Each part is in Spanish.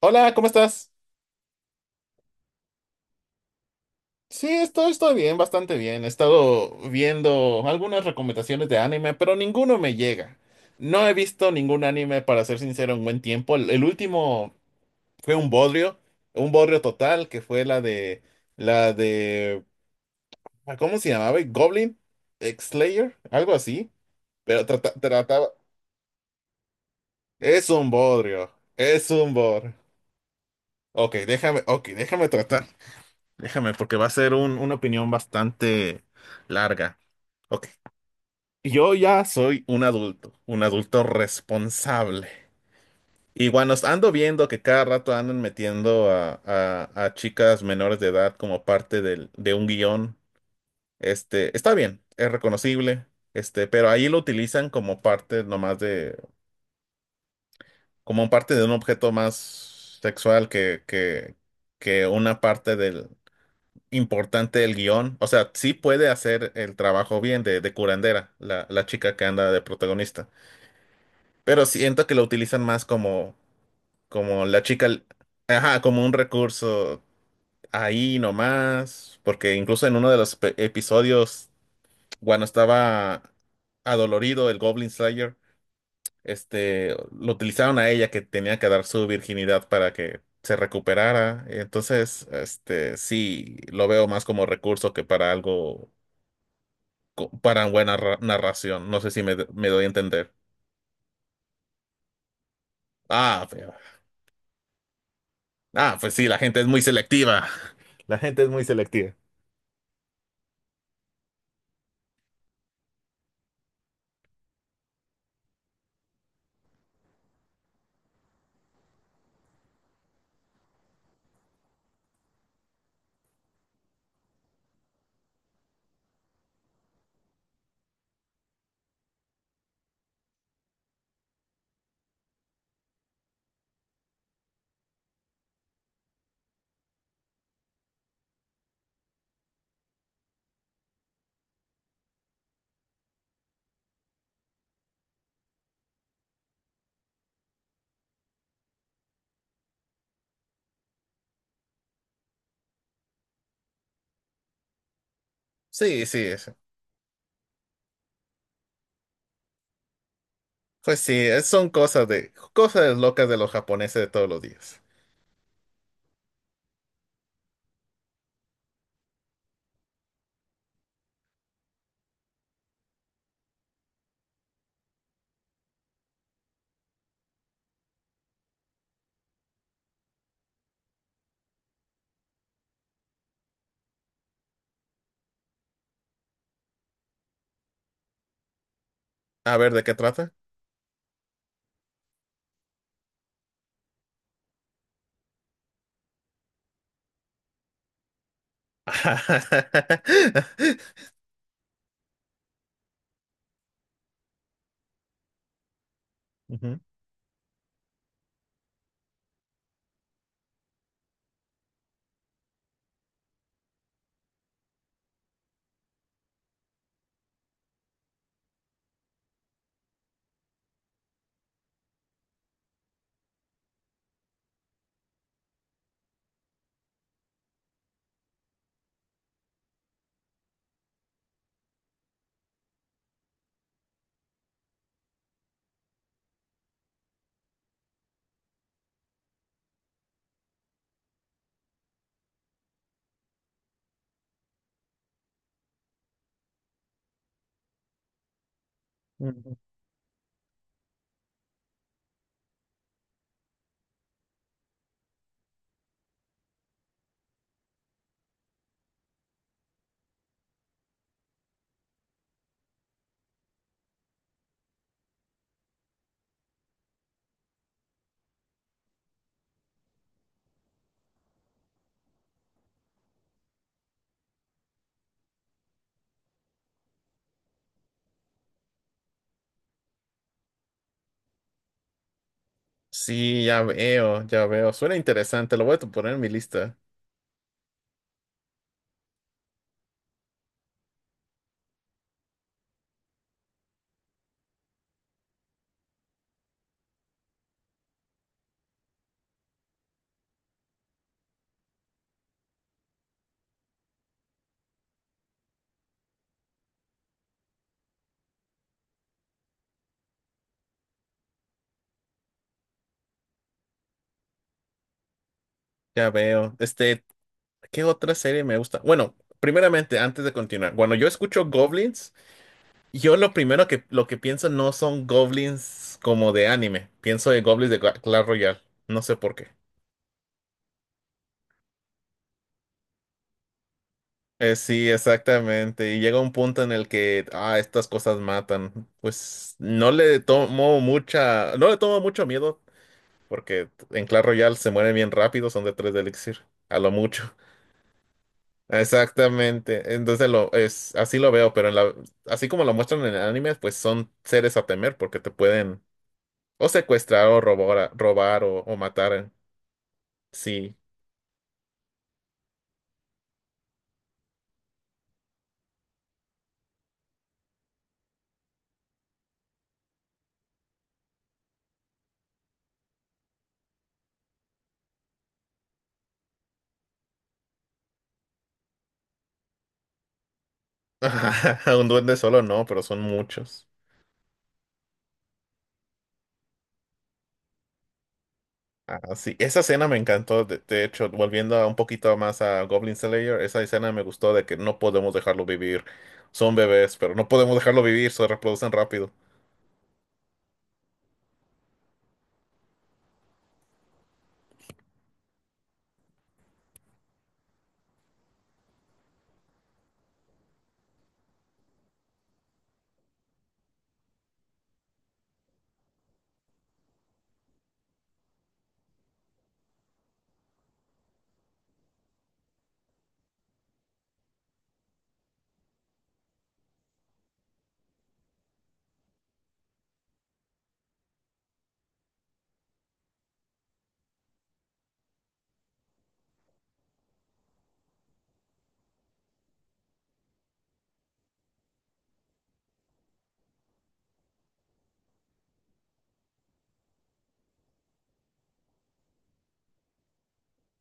Hola, ¿cómo estás? Sí, estoy bien, bastante bien. He estado viendo algunas recomendaciones de anime, pero ninguno me llega. No he visto ningún anime, para ser sincero, en buen tiempo. El último fue un bodrio total, que fue la de, ¿cómo se llamaba? Goblin Slayer, algo así. Pero trataba, es un bodrio, es un bodrio. Ok, déjame tratar. Déjame, porque va a ser una opinión bastante larga. Ok. Yo ya soy un adulto responsable. Y cuando ando viendo que cada rato andan metiendo a chicas menores de edad como parte de un guión, está bien, es reconocible, pero ahí lo utilizan como parte nomás de, como parte de un objeto más sexual que una parte del importante el guión. O sea, sí puede hacer el trabajo bien de curandera, la chica que anda de protagonista. Pero siento que lo utilizan más como la chica, ajá, como un recurso ahí nomás. Porque incluso en uno de los episodios, cuando estaba adolorido el Goblin Slayer, lo utilizaron a ella que tenía que dar su virginidad para que se recuperara. Entonces, sí, lo veo más como recurso que para algo para buena narración. No sé si me doy a entender. Ah, pues, ah, pues sí, la gente es muy selectiva. La gente es muy selectiva. Sí, sí, pues sí, son cosas de cosas locas de los japoneses de todos los días. A ver, ¿de qué trata? Ujú, ujú. Sí, ya veo, ya veo. Suena interesante, lo voy a poner en mi lista. Ya veo. ¿Qué otra serie me gusta? Bueno, primeramente, antes de continuar, cuando yo escucho Goblins, yo lo primero que, lo que pienso no son goblins como de anime. Pienso en goblins de Clash Royale. No sé por qué. Sí, exactamente. Y llega un punto en el que, estas cosas matan. Pues no le tomo mucho miedo, porque en Clash Royale se mueren bien rápido, son de tres de elixir, a lo mucho. Exactamente. Entonces lo es, así lo veo, pero en la, así como lo muestran en el anime, pues son seres a temer porque te pueden o secuestrar o robar o matar. Sí. Un duende solo no, pero son muchos. Ah, sí. Esa escena me encantó. De hecho, volviendo a un poquito más a Goblin Slayer, esa escena me gustó de que no podemos dejarlo vivir. Son bebés, pero no podemos dejarlo vivir, se reproducen rápido.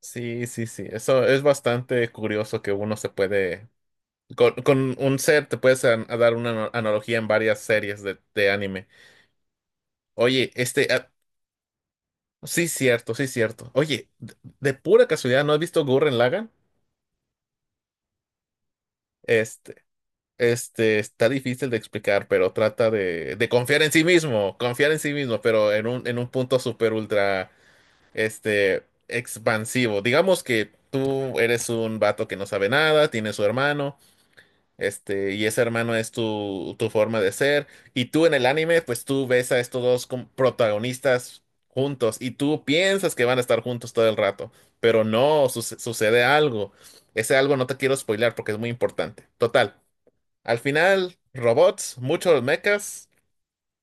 Sí, sí, sí. Eso es bastante curioso que uno se puede. Con un ser te puedes a dar una analogía en varias series de anime. Oye, sí, cierto, sí, cierto. Oye, de pura casualidad, ¿no has visto Gurren Lagann? Este, está difícil de explicar, pero trata de confiar en sí mismo, confiar en sí mismo, pero en un punto super ultra, expansivo. Digamos que tú eres un vato que no sabe nada, tiene su hermano, y ese hermano es tu forma de ser, y tú en el anime, pues tú ves a estos dos como protagonistas juntos, y tú piensas que van a estar juntos todo el rato, pero no, sucede algo. Ese algo no te quiero spoilear porque es muy importante. Total. Al final, robots, muchos mechas,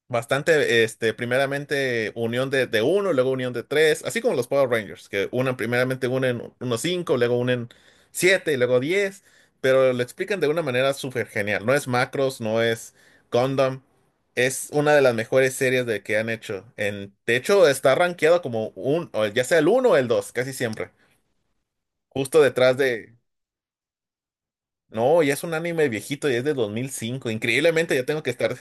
bastante, primeramente unión de uno, luego unión de tres, así como los Power Rangers, que unen primeramente unen unos cinco, luego unen siete y luego 10, pero lo explican de una manera súper genial. No es Macros, no es Gundam, es una de las mejores series de que han hecho. De hecho, está rankeado o ya sea el uno o el dos, casi siempre, justo detrás de. No, ya es un anime viejito y es de 2005. Increíblemente, ya tengo que estar.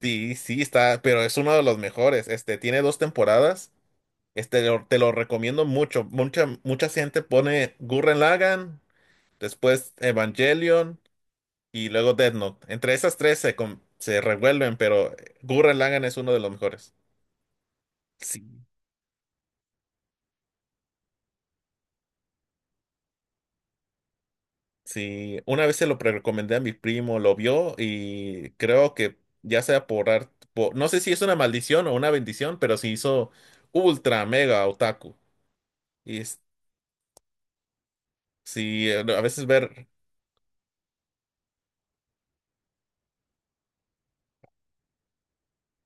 Sí, sí, está, pero es uno de los mejores. Tiene dos temporadas. Te lo recomiendo mucho. Mucha, mucha gente pone Gurren Lagann, después Evangelion y luego Death Note. Entre esas tres se revuelven, pero Gurren Lagann es uno de los mejores. Sí. Sí, una vez se lo recomendé a mi primo, lo vio y creo que ya sea por arte, no sé si es una maldición o una bendición, pero se hizo ultra mega otaku. Y es- sí, a veces ver.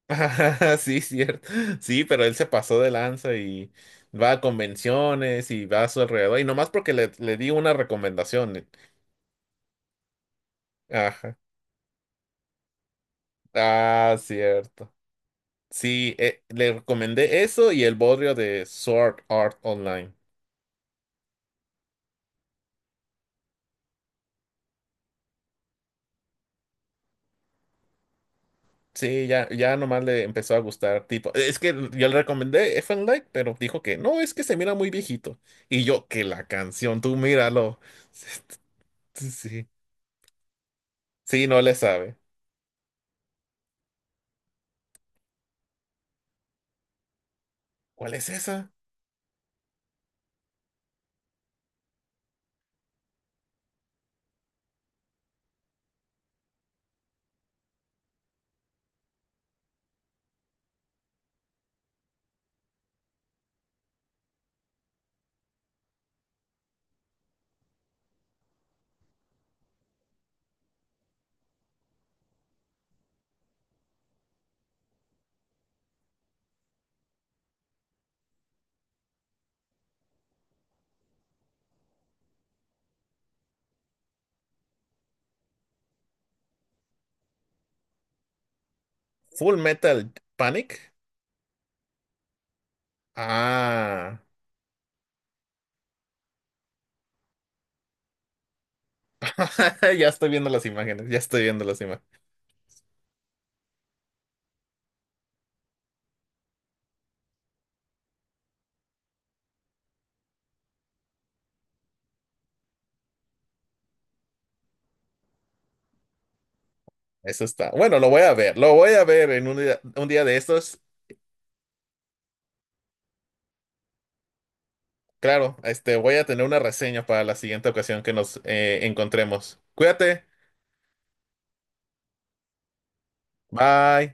Sí, cierto. Sí, pero él se pasó de lanza y va a convenciones y va a su alrededor. Y nomás porque le di una recomendación. Ajá. Ah, cierto. Sí, le recomendé eso y el bodrio de Sword Art Online. Sí, ya, ya nomás le empezó a gustar. Tipo, es que yo le recomendé F and Light, pero dijo que no, es que se mira muy viejito. Y yo, que la canción, tú míralo. Sí, sí, no le sabe. ¿Cuál es esa? Full Metal Panic. Ah, ya estoy viendo las imágenes, ya estoy viendo las imágenes. Eso está. Bueno, lo voy a ver, lo voy a ver en un día de estos. Claro, voy a tener una reseña para la siguiente ocasión que nos encontremos. Cuídate, bye.